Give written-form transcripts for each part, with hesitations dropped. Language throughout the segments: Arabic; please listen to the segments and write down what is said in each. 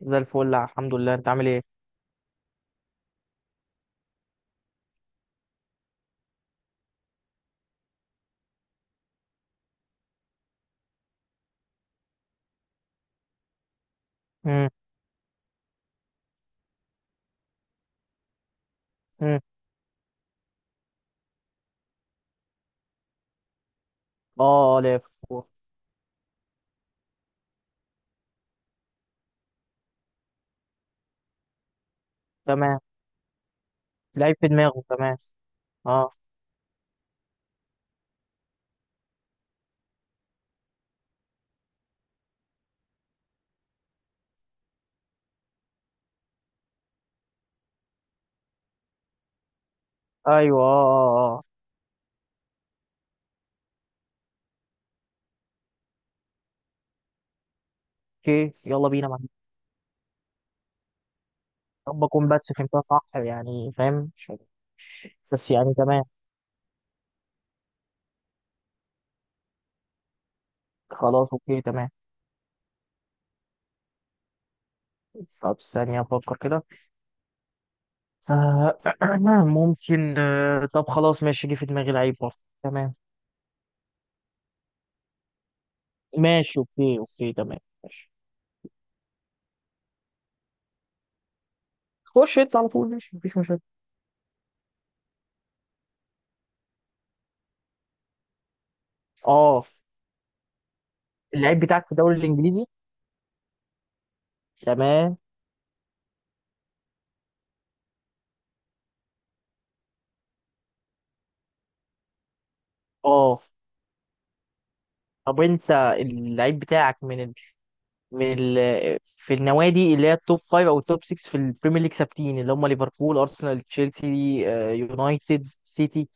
زي الفل، الحمد لله. انت عامل ايه؟ امم امم اه اه لف. تمام. لعيب في دماغه، تمام. اه، ايوه اه اه اه. اوكي، يلا بينا معاك. يا رب اكون بس فهمتها صح، يعني فاهم مش عارف. بس يعني تمام. خلاص اوكي تمام. طب ثانية افكر كده. آه ممكن، طب خلاص ماشي، جه في دماغي لعيب برضه. تمام. ماشي اوكي اوكي تمام. ماشي. خش انت على طول، ماشي مفيش مشاكل. اه، اللعيب بتاعك في الدوري الانجليزي. تمام. اه. طب انت، اللعيب بتاعك من ال... من ال... في النوادي اللي هي التوب 5 او التوب 6 في البريمير ليج ثابتين، اللي هم ليفربول، ارسنال، تشيلسي، يونايتد، سيتي،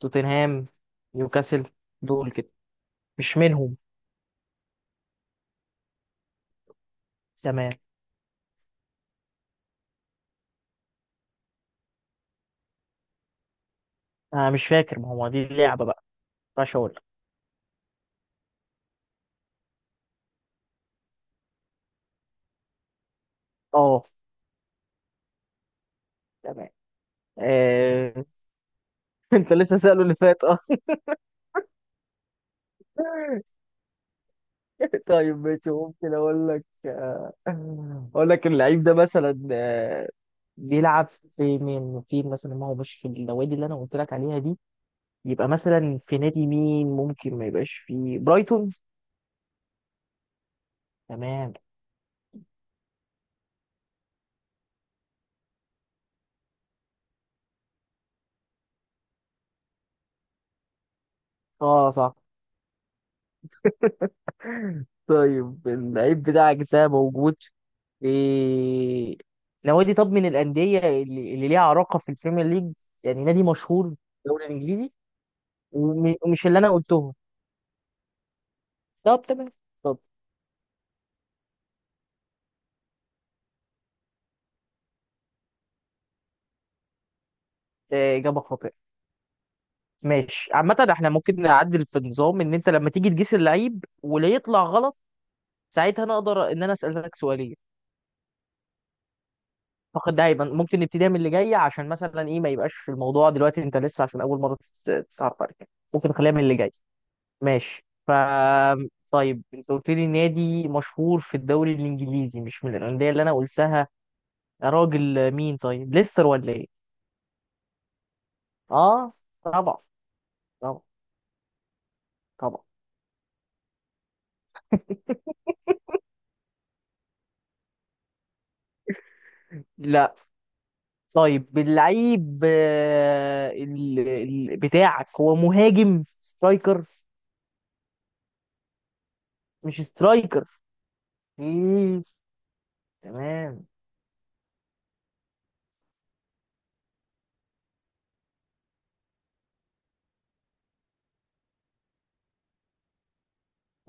توتنهام، نيوكاسل. دول كده. مش منهم؟ تمام. انا مش فاكر، ما هو دي اللعبه بقى. مش اقول لك. اه. تمام. آه... انت لسه سأله اللي فات، اه. طيب ماشي، ممكن اقول لك، اقول لك اللعيب ده مثلا، بيلعب في مين؟ في مثلا، ما هو مش في النوادي اللي انا قلت لك عليها دي، يبقى مثلا في نادي مين؟ ممكن ما يبقاش في برايتون؟ تمام. اه صح. طيب اللعيب بتاعك ده موجود في نوادي، طب من الأندية اللي ليها علاقة في البريمير ليج، يعني نادي مشهور في الدوري الإنجليزي، ومش اللي أنا قلتهم. طب تمام. طب، إجابة خاطئة. ماشي، عامة احنا ممكن نعدل في النظام، إن أنت لما تيجي تقيس اللعيب ولو يطلع غلط، ساعتها نقدر إن أنا أسألك سؤالين فقط. ده هيبقى ممكن نبتديها من اللي جاية، عشان مثلا إيه، ما يبقاش الموضوع دلوقتي أنت لسه عشان أول مرة تتعرف عليك، ممكن نخليها من اللي جاي. ماشي. ف طيب، أنت قلت لي نادي مشهور في الدوري الإنجليزي مش من الأندية اللي أنا قلتها، يا راجل مين؟ طيب ليستر ولا إيه؟ آه. طبعا. طبعا. طبعا. لا. طيب اللعيب بتاعك هو مهاجم سترايكر؟ مش سترايكر؟ ايه؟ تمام.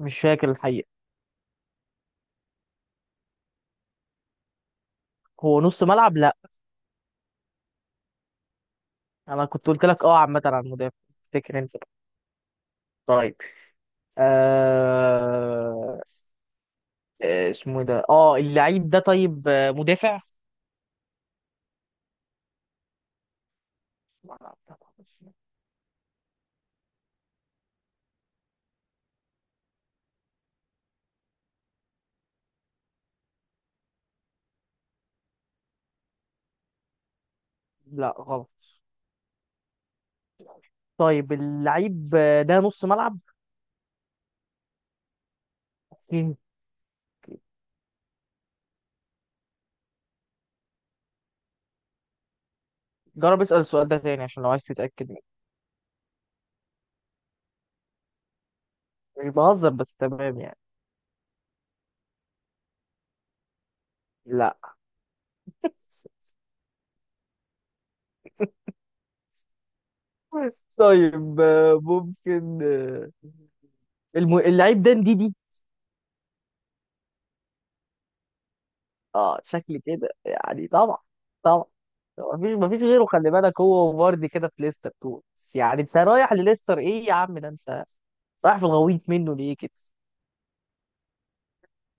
مش فاكر الحقيقة. هو نص ملعب؟ لا. انا كنت قلت لك اه عامة عن المدافع، فاكر انت؟ طيب. آه... اسمه إيه ده، اه اللعيب ده؟ طيب، مدافع؟ لا غلط. طيب اللعيب ده نص ملعب. جرب اسأل السؤال ده تاني عشان لو عايز تتأكد. مش بهزر، بس تمام يعني. لا. طيب، ممكن، اللعيب ده دي. اه شكل كده يعني. طبعا. طبعا. مفيش مفيش غيره، خلي بالك هو وفاردي كده في ليستر تو بس، يعني انت رايح لليستر ايه يا عم؟ ده انت رايح في الغويط منه، ليه كده؟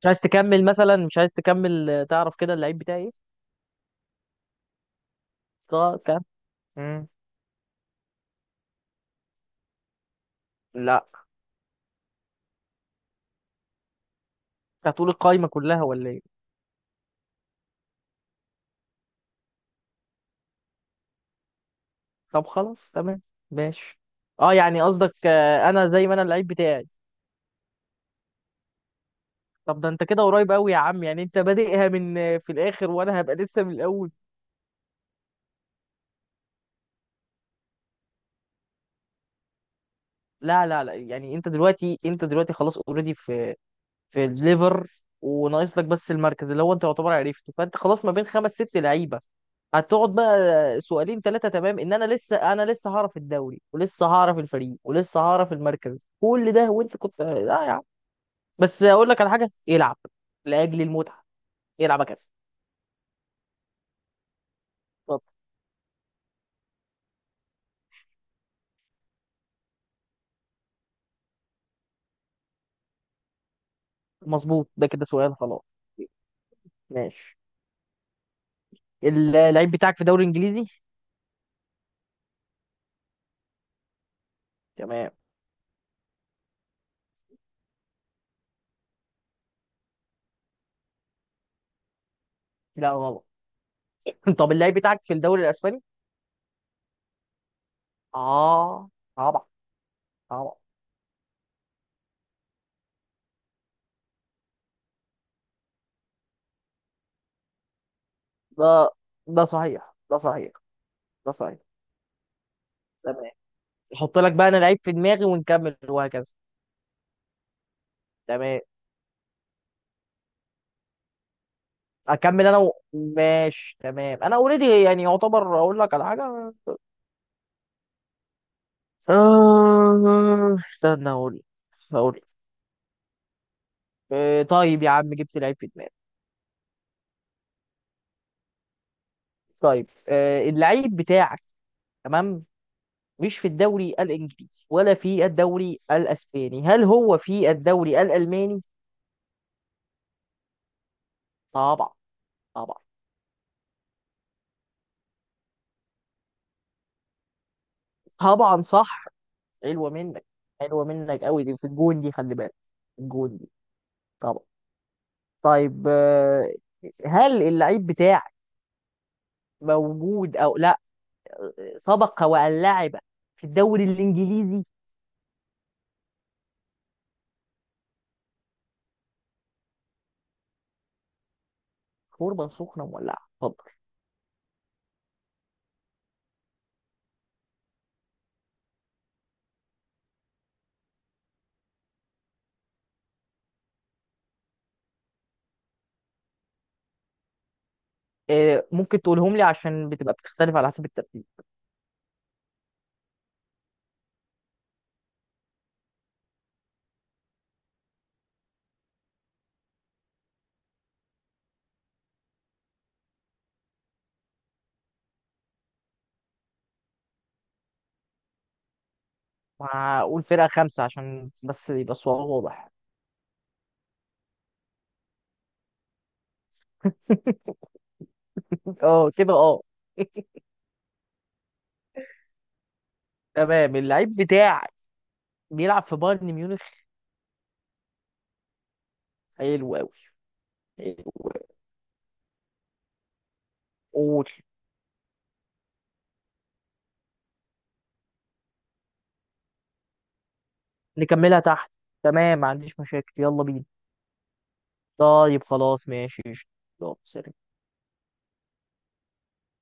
مش عايز تكمل مثلا؟ مش عايز تكمل، تعرف كده اللعيب بتاعي ايه؟ طب كم؟ مم. لا. انت هتقول القايمه كلها ولا ايه؟ طب خلاص تمام. ماشي. اه يعني قصدك، انا زي ما انا اللعيب بتاعي. طب ده انت كده قريب قوي يا عم، يعني انت بادئها من، في الاخر، وانا هبقى لسه من الاول. لا لا لا، يعني انت دلوقتي، انت دلوقتي خلاص اوريدي في في الليفر، وناقص لك بس المركز، اللي هو انت يعتبر عرفته، فانت خلاص ما بين خمس ست لعيبه هتقعد بقى سؤالين ثلاثة تمام، ان انا لسه انا لسه هعرف الدوري ولسه هعرف الفريق ولسه هعرف المركز كل ده. وانت كنت لا يا عم، بس اقول لك على حاجة، العب لأجل المتعة، يلعب كاس. طب، مظبوط، ده كده سؤال خلاص. ماشي. اللعيب بتاعك في الدوري الانجليزي؟ تمام. لا غلط. طب اللعيب بتاعك في الدوري الاسباني؟ اه. طبعا. طبعا. ده، ده صحيح، ده صحيح. ده صحيح. تمام. احط لك بقى انا لعيب في دماغي ونكمل وهكذا. تمام. اكمل ماشي تمام، انا اوريدي يعني يعتبر اقول لك على حاجه. استنى اقول، اقول، طيب يا عم جبت لعيب في دماغي. طيب، اللعيب بتاعك، تمام، مش في الدوري الانجليزي ولا في الدوري الاسباني، هل هو في الدوري الالماني؟ طبعا. طبعا. طبعا صح. حلوه منك. حلوه منك قوي دي، في الجون دي خلي بالك. الجون دي. طبعا. طيب، هل اللعيب بتاعك موجود او لا، سبق وان لعب في الدوري الانجليزي؟ شوربه سخنه مولعه. اتفضل. ممكن تقولهم لي عشان بتبقى بتختلف على حسب الترتيب. هقول فرقة خمسة عشان بس يبقى الصواب واضح. اه كده اه. تمام. اللعيب بتاعك بيلعب في بايرن ميونخ. حلو قوي. حلو أوي. قول. نكملها تحت. تمام، ما عنديش مشاكل، يلا بينا. طيب خلاص، ماشي قشطة. يلا، سلام.